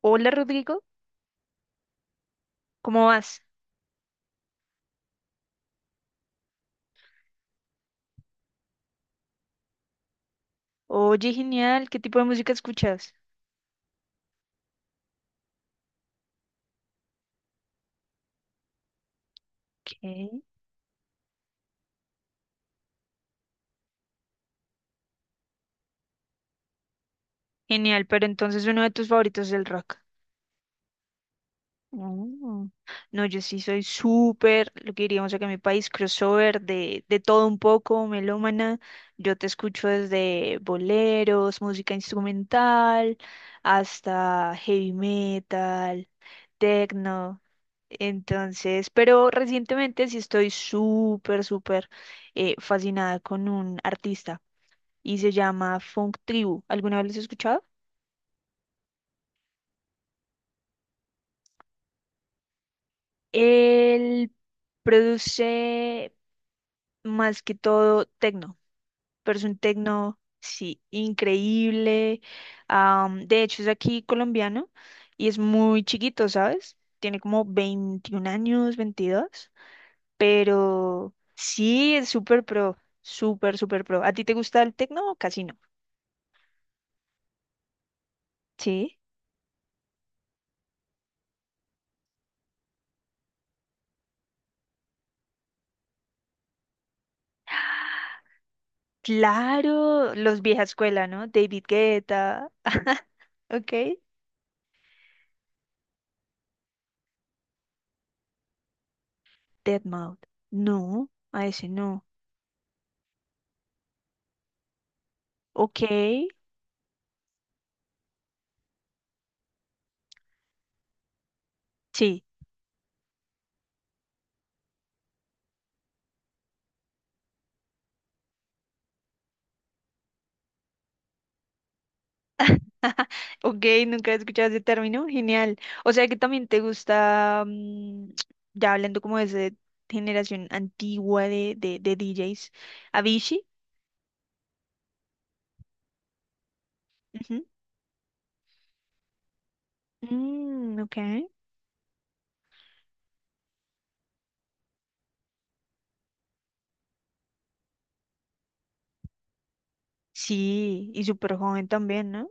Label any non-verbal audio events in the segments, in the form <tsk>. Hola Rodrigo, ¿cómo vas? Oye, genial, ¿qué tipo de música escuchas? ¿Qué? Genial, pero entonces uno de tus favoritos es el rock. No, no, yo sí soy súper, lo que diríamos acá en mi país, crossover de todo un poco, melómana. Yo te escucho desde boleros, música instrumental, hasta heavy metal, techno. Entonces, pero recientemente sí estoy súper, súper, fascinada con un artista y se llama Funk Tribu. ¿Alguna vez lo has escuchado? Él produce más que todo tecno, pero es un tecno, sí, increíble. De hecho, es aquí colombiano y es muy chiquito, ¿sabes? Tiene como 21 años, 22, pero sí, es súper pro, súper, súper pro. ¿A ti te gusta el tecno o casi no? Sí. Claro, los vieja escuela, ¿no? David Guetta, <laughs> ok. Dead Mode. No, a ese no. Ok, sí. <laughs> Ok, nunca he escuchado ese término, genial. O sea que también te gusta, <tsk> ya hablando como de esa generación antigua de DJs, Avicii. Ujú. Mm, ok. Sí, y súper joven también, ¿no?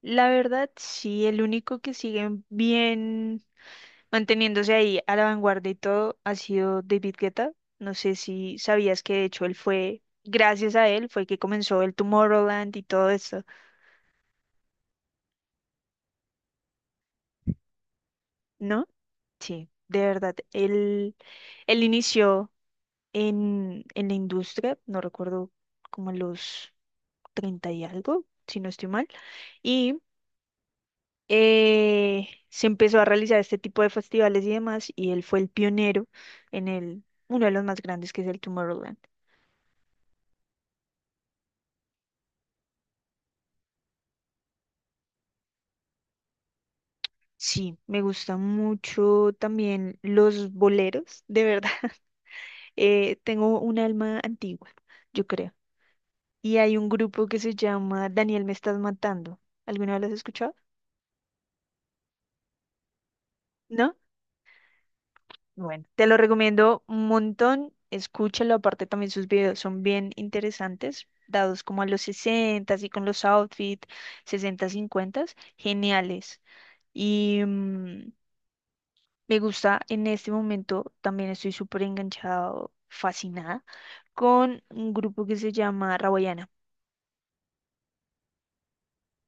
La verdad, sí, el único que sigue bien manteniéndose ahí a la vanguardia y todo ha sido David Guetta. No sé si sabías que de hecho él fue, gracias a él, fue que comenzó el Tomorrowland y todo eso, ¿no? Sí, de verdad. Él inició en la industria, no recuerdo como a los 30 y algo, si no estoy mal, y se empezó a realizar este tipo de festivales y demás, y él fue el pionero en el, uno de los más grandes que es el Tomorrowland. Sí, me gustan mucho también los boleros, de verdad. <laughs> Tengo un alma antigua, yo creo. Y hay un grupo que se llama Daniel Me Estás Matando. ¿Alguna vez lo has escuchado? ¿No? Bueno, te lo recomiendo un montón. Escúchalo, aparte también sus videos son bien interesantes, dados como a los 60 y con los outfits 60 50, geniales. Y me gusta en este momento, también estoy súper enganchado, fascinada, con un grupo que se llama Rawayana.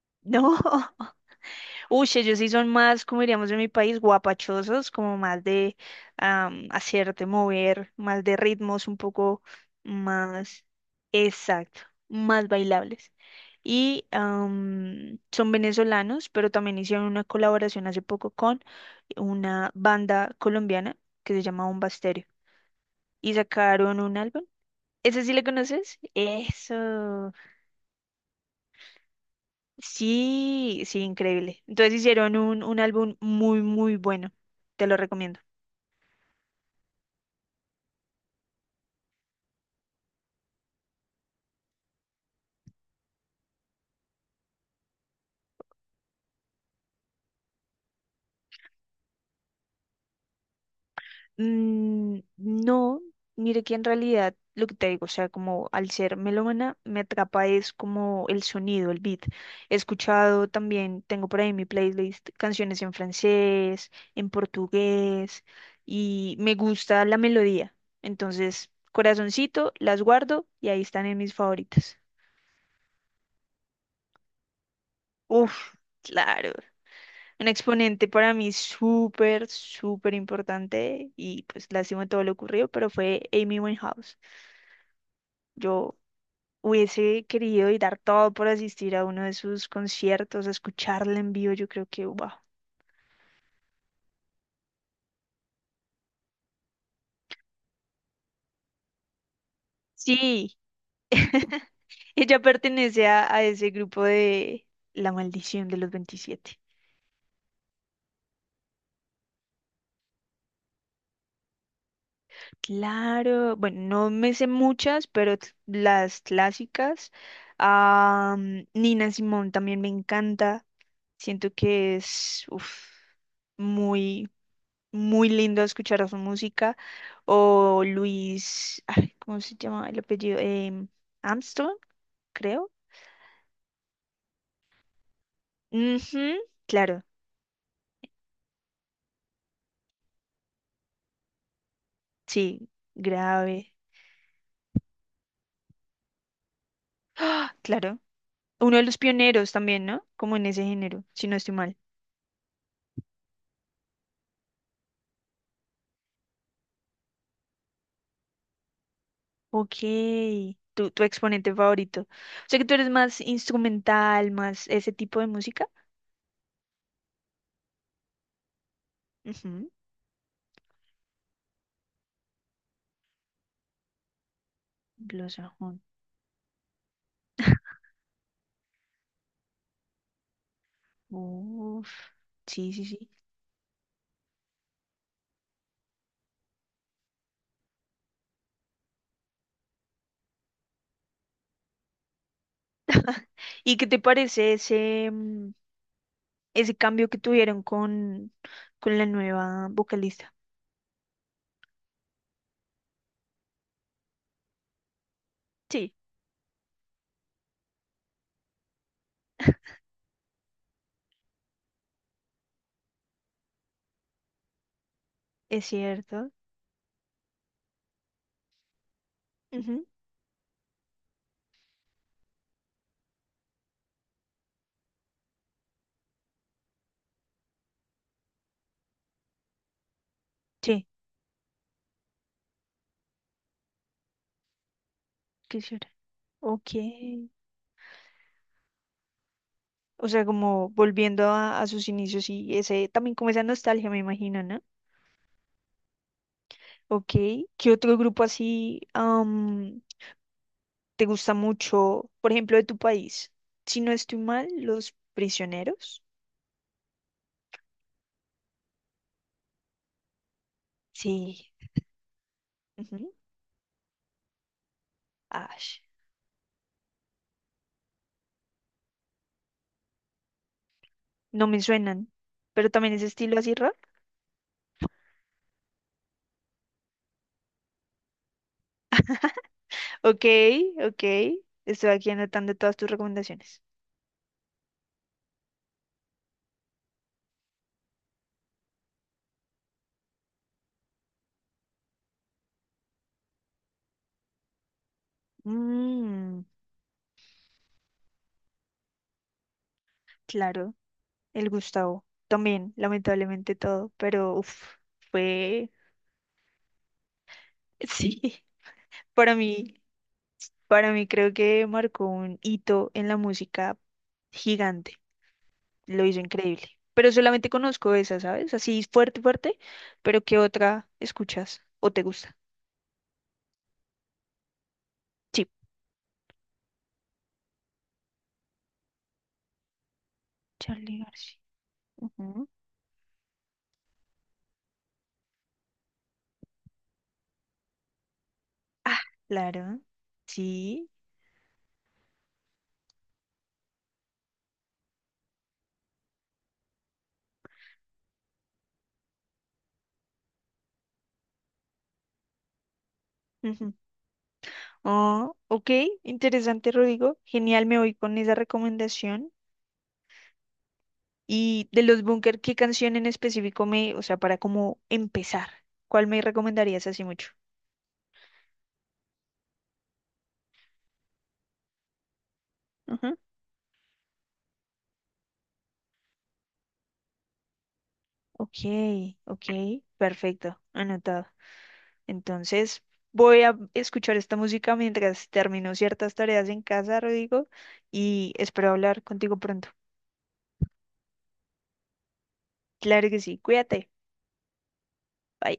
<laughs> No. Uy, sí, ellos sí son más, como diríamos en mi país, guapachosos, como más de hacerte mover, más de ritmos un poco más, exacto, más bailables. Y son venezolanos, pero también hicieron una colaboración hace poco con una banda colombiana que se llama Bomba Estéreo y sacaron un álbum. ¿Ese sí le conoces? Eso. Sí, sí, increíble. Entonces hicieron un álbum muy, muy bueno. Te lo recomiendo. Mm, no, mire que en realidad lo que te digo, o sea, como al ser melómana, me atrapa es como el sonido, el beat. He escuchado también, tengo por ahí en mi playlist canciones en francés, en portugués, y me gusta la melodía. Entonces, corazoncito, las guardo y ahí están en mis favoritas. Uf, claro. Un exponente para mí súper, súper importante y pues lástima todo lo ocurrido, pero fue Amy Winehouse. Yo hubiese querido y dar todo por asistir a uno de sus conciertos, a escucharla en vivo, yo creo que, wow. Sí, <laughs> ella pertenece a ese grupo de La Maldición de los 27. Claro, bueno, no me sé muchas, pero t- las clásicas. Ah, Nina Simone también me encanta. Siento que es uf, muy, muy lindo escuchar su música. O Luis, ay, ¿cómo se llama el apellido? Armstrong, creo. Ujú, claro, sí, grave. ¡Ah! Claro. Uno de los pioneros también, ¿no? Como en ese género, si no estoy mal. Ok, tu exponente favorito. O sea que tú eres más instrumental, más ese tipo de música. Ujú, Anglosajón. <laughs> Uf, sí, sí, sí. ¿Y qué te parece ese, ese cambio que tuvieron con la nueva vocalista? Sí, es cierto. Ujú, sí, quisiera. Ok. O sea, como volviendo a sus inicios y ese, también como esa nostalgia, me imagino, ¿no? Ok. ¿Qué otro grupo así te gusta mucho? Por ejemplo, de tu país. Si no estoy mal, Los Prisioneros. Sí. Ujú, ash. No me suenan, pero también ese estilo así ok, ok. Estoy aquí anotando todas tus recomendaciones. Mm, claro, el Gustavo. También, lamentablemente todo, pero uf, fue, <laughs> sí, para mí, para mí creo que marcó un hito en la música gigante. Lo hizo increíble. Pero solamente conozco esa, ¿sabes? Así fuerte, fuerte, pero ¿qué otra escuchas o te gusta? Sí, Charlie García. Ujú. Ah, claro, sí. <laughs> Oh, ok, interesante, Rodrigo. Genial, me voy con esa recomendación. Y de los Bunker, ¿qué canción en específico me, o sea, para cómo empezar? ¿Cuál me recomendarías así mucho? Ujú. Ok, ok, perfecto, anotado. Entonces, voy a escuchar esta música mientras termino ciertas tareas en casa, Rodrigo, y espero hablar contigo pronto. Claro que sí, cuídate. Bye.